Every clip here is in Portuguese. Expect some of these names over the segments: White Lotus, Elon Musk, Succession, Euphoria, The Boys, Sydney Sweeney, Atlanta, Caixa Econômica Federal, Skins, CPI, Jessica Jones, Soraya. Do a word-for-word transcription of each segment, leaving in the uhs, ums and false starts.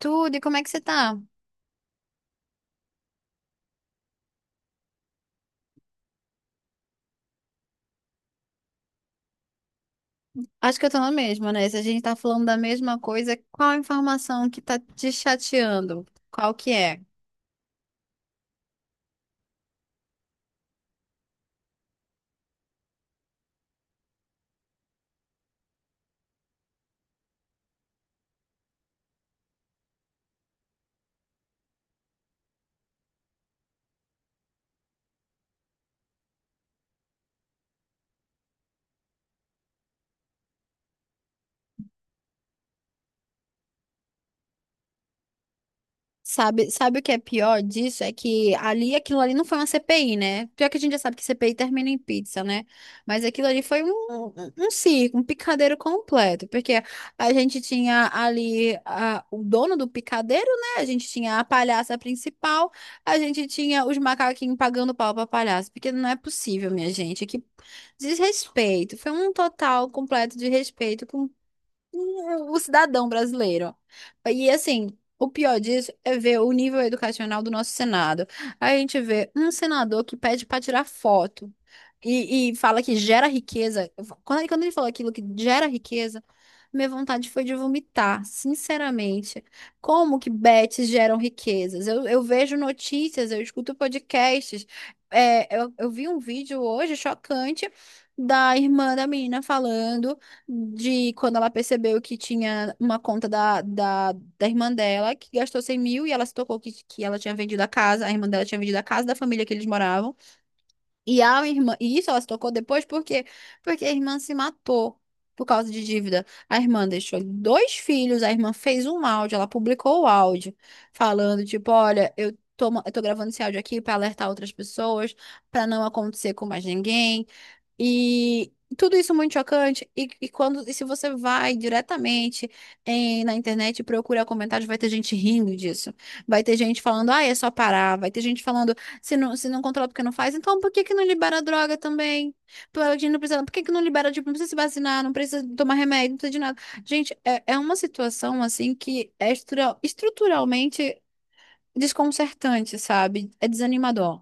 Tudo, e como é que você tá? Acho que eu tô na mesma, né? Se a gente tá falando da mesma coisa, qual a informação que tá te chateando? Qual que é? Sabe, sabe o que é pior disso? É que ali, aquilo ali não foi uma C P I, né? Pior que a gente já sabe que C P I termina em pizza, né? Mas aquilo ali foi um, um, um circo, um picadeiro completo, porque a gente tinha ali a, o dono do picadeiro, né? A gente tinha a palhaça principal, a gente tinha os macaquinhos pagando pau pra palhaça, porque não é possível, minha gente. Que desrespeito. Foi um total completo desrespeito o cidadão brasileiro. E assim, o pior disso é ver o nível educacional do nosso Senado. A gente vê um senador que pede para tirar foto e, e fala que gera riqueza. Quando ele, quando ele falou aquilo que gera riqueza, minha vontade foi de vomitar, sinceramente. Como que bets geram riquezas? Eu, eu vejo notícias, eu escuto podcasts. É, eu, eu vi um vídeo hoje chocante da irmã da menina falando de quando ela percebeu que tinha uma conta da, da, da irmã dela, que gastou cem mil e ela se tocou que, que ela tinha vendido a casa, a irmã dela tinha vendido a casa da família que eles moravam. E a irmã, e isso ela se tocou depois, por quê? Porque a irmã se matou por causa de dívida. A irmã deixou dois filhos, a irmã fez um áudio, ela publicou o áudio, falando, tipo, olha, eu tô, ma- eu tô gravando esse áudio aqui pra alertar outras pessoas, pra não acontecer com mais ninguém. E tudo isso muito chocante. E, e quando, e se você vai diretamente em- na internet e procura comentários, vai ter gente rindo disso. Vai ter gente falando, ah, é só parar. Vai ter gente falando. Se não, se não controla porque não faz, então por que que não libera a droga também? Por a gente não precisa, por que que não libera, tipo, não precisa se vacinar, não precisa tomar remédio, não precisa de nada. Gente, é, é uma situação, assim, que é estrutural, estruturalmente desconcertante, sabe? É desanimador.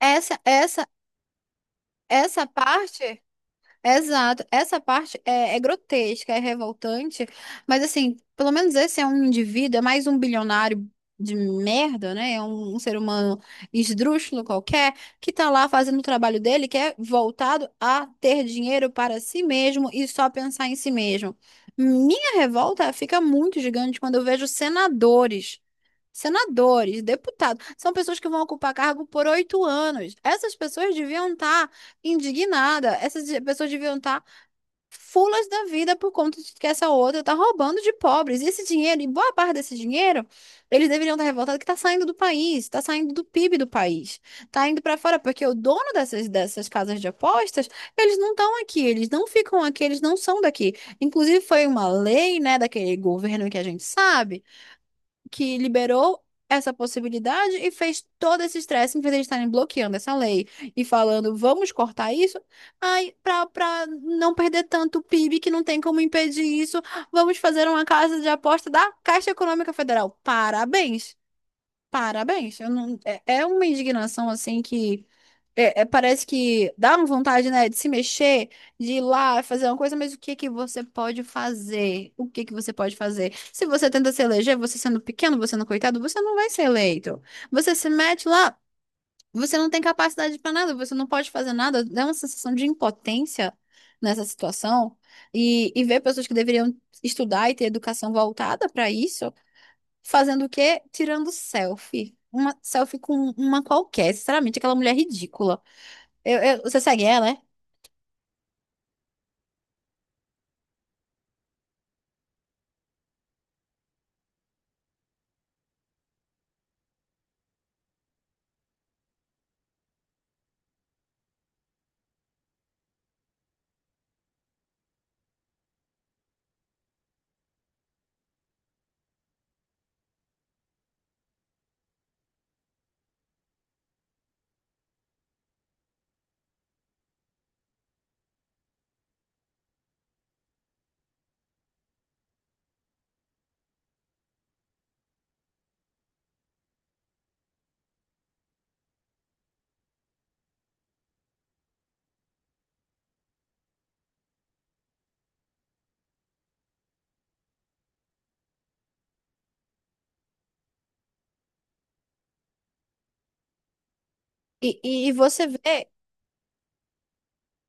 Essa, essa, essa parte. Exato. Essa parte é, é grotesca, é revoltante, mas assim, pelo menos esse é um indivíduo, é mais um bilionário de merda, né? É um, um ser humano esdrúxulo qualquer, que tá lá fazendo o trabalho dele, que é voltado a ter dinheiro para si mesmo e só pensar em si mesmo. Minha revolta fica muito gigante quando eu vejo senadores. Senadores, deputados, são pessoas que vão ocupar cargo por oito anos. Essas pessoas deviam estar indignadas, essas pessoas deviam estar fulas da vida por conta de que essa outra está roubando de pobres. E esse dinheiro, e boa parte desse dinheiro, eles deveriam estar revoltados que está saindo do país, está saindo do P I B do país, está indo para fora, porque o dono dessas, dessas casas de apostas, eles não estão aqui, eles não ficam aqui, eles não são daqui. Inclusive, foi uma lei, né, daquele governo que a gente sabe que liberou essa possibilidade e fez todo esse estresse, em vez de eles estarem bloqueando essa lei e falando, vamos cortar isso, ai para para não perder tanto P I B que não tem como impedir isso, vamos fazer uma casa de aposta da Caixa Econômica Federal. Parabéns. Parabéns. Eu não, é, é, uma indignação assim que é, é, parece que dá uma vontade, né, de se mexer, de ir lá fazer uma coisa, mas o que que você pode fazer? O que que você pode fazer? Se você tenta se eleger, você sendo pequeno, você sendo coitado, você não vai ser eleito. Você se mete lá, você não tem capacidade para nada, você não pode fazer nada, dá uma sensação de impotência nessa situação. E, e ver pessoas que deveriam estudar e ter educação voltada para isso, fazendo o quê? Tirando selfie. Uma selfie com uma qualquer, sinceramente, aquela mulher ridícula. Eu, eu- você segue ela, é? E, e, e você vê.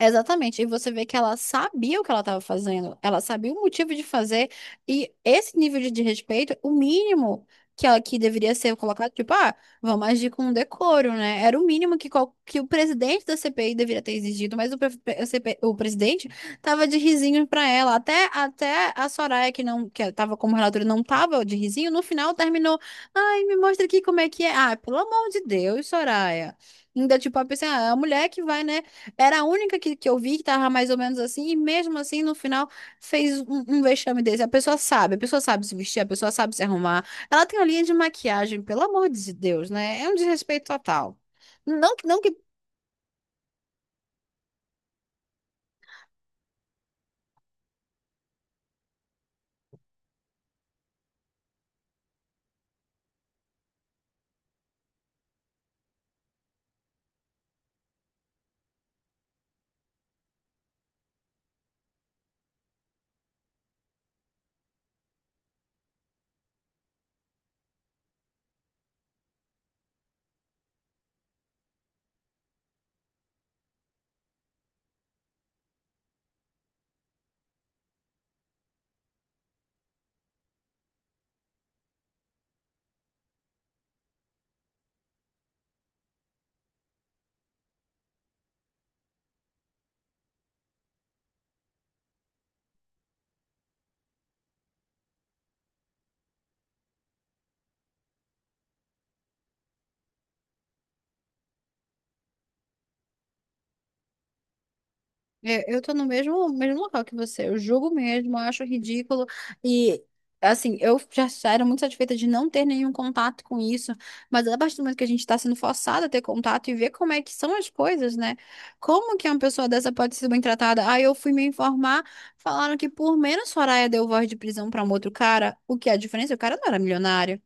Exatamente, e você vê que ela sabia o que ela estava fazendo, ela sabia o motivo de fazer, e esse nível de desrespeito, o mínimo que ela que deveria ser colocado, tipo, ah, vamos agir com decoro, né? Era o mínimo que, qual- que o presidente da C P I deveria ter exigido, mas o, pre- o C P o presidente tava de risinho pra ela, até, até a Soraya, que não, que tava como relatora, não tava de risinho, no final terminou, ai, me mostra aqui como é que é, ah, pelo amor de Deus, Soraya. Ainda, tipo, a pessoa, ah, é a mulher que vai, né? Era a única que, que eu vi que tava mais ou menos assim, e mesmo assim, no final, fez um, um vexame desse. A pessoa sabe, a pessoa sabe se vestir, a pessoa sabe se arrumar. Ela tem uma linha de maquiagem, pelo amor de Deus, né? É um desrespeito total. Não, não que É, eu tô no mesmo, mesmo local que você. Eu julgo mesmo, eu acho ridículo. E, assim, eu já era muito satisfeita de não ter nenhum contato com isso. Mas a partir do momento que a gente tá sendo forçada a ter contato e ver como é que são as coisas, né? Como que uma pessoa dessa pode ser bem tratada? Aí eu fui me informar, falaram que por menos Soraya deu voz de prisão pra um outro cara. O que é a diferença? O cara não era milionário.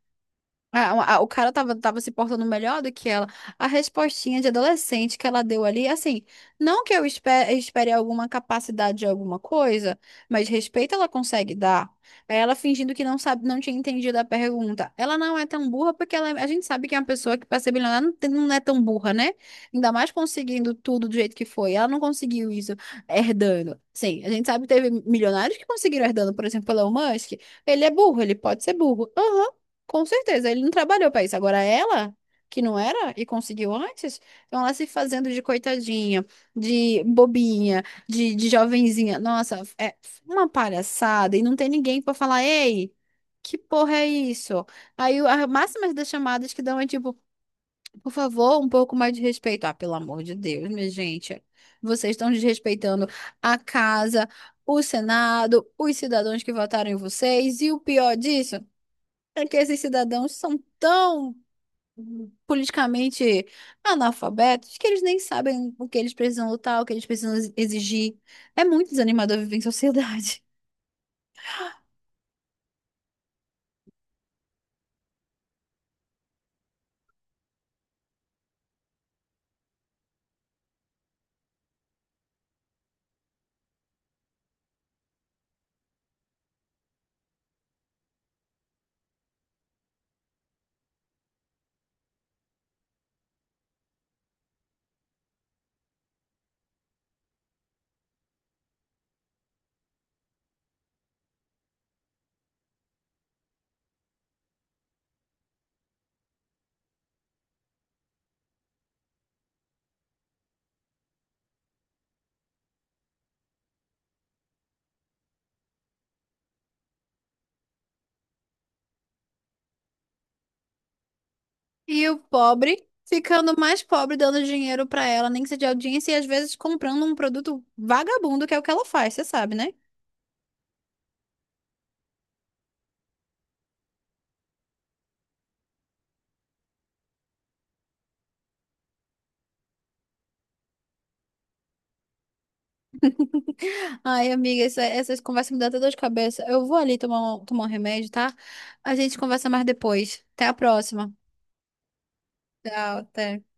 A- a- o cara tava, tava se portando melhor do que ela. A respostinha de adolescente que ela deu ali, assim, não que eu espere, espere alguma capacidade de alguma coisa, mas respeito ela consegue dar. Aí ela fingindo que não sabe, não tinha entendido a pergunta. Ela não é tão burra porque ela, é- a gente sabe que é uma pessoa que para ser bilionária não, tem- não é tão burra, né? Ainda mais conseguindo tudo do jeito que foi. Ela não conseguiu isso herdando. Sim, a gente sabe que teve milionários que conseguiram herdando, por exemplo, o Elon Musk. Ele é burro, ele pode ser burro. Aham, com certeza, ele não trabalhou para isso. Agora ela, que não era e conseguiu antes, então ela se fazendo de coitadinha, de bobinha, de, de jovenzinha. Nossa, é uma palhaçada e não tem ninguém para falar, ei, que porra é isso? Aí o- a máxima das chamadas que dão é tipo, por favor, um pouco mais de respeito. Ah, pelo amor de Deus, minha gente, vocês estão desrespeitando a casa, o Senado, os cidadãos que votaram em vocês e o pior disso. É que esses cidadãos são tão politicamente analfabetos que eles nem sabem o que eles precisam lutar, o que eles precisam ex- exigir. É muito desanimador viver em sociedade. E o pobre ficando mais pobre, dando dinheiro pra ela, nem que seja de audiência, e às vezes comprando um produto vagabundo, que é o que ela faz, você sabe, né? Ai, amiga, essa- essas conversas me dão até dor de cabeça. Eu vou ali tomar um, tomar um remédio, tá? A gente conversa mais depois. Até a próxima. Tchau, até.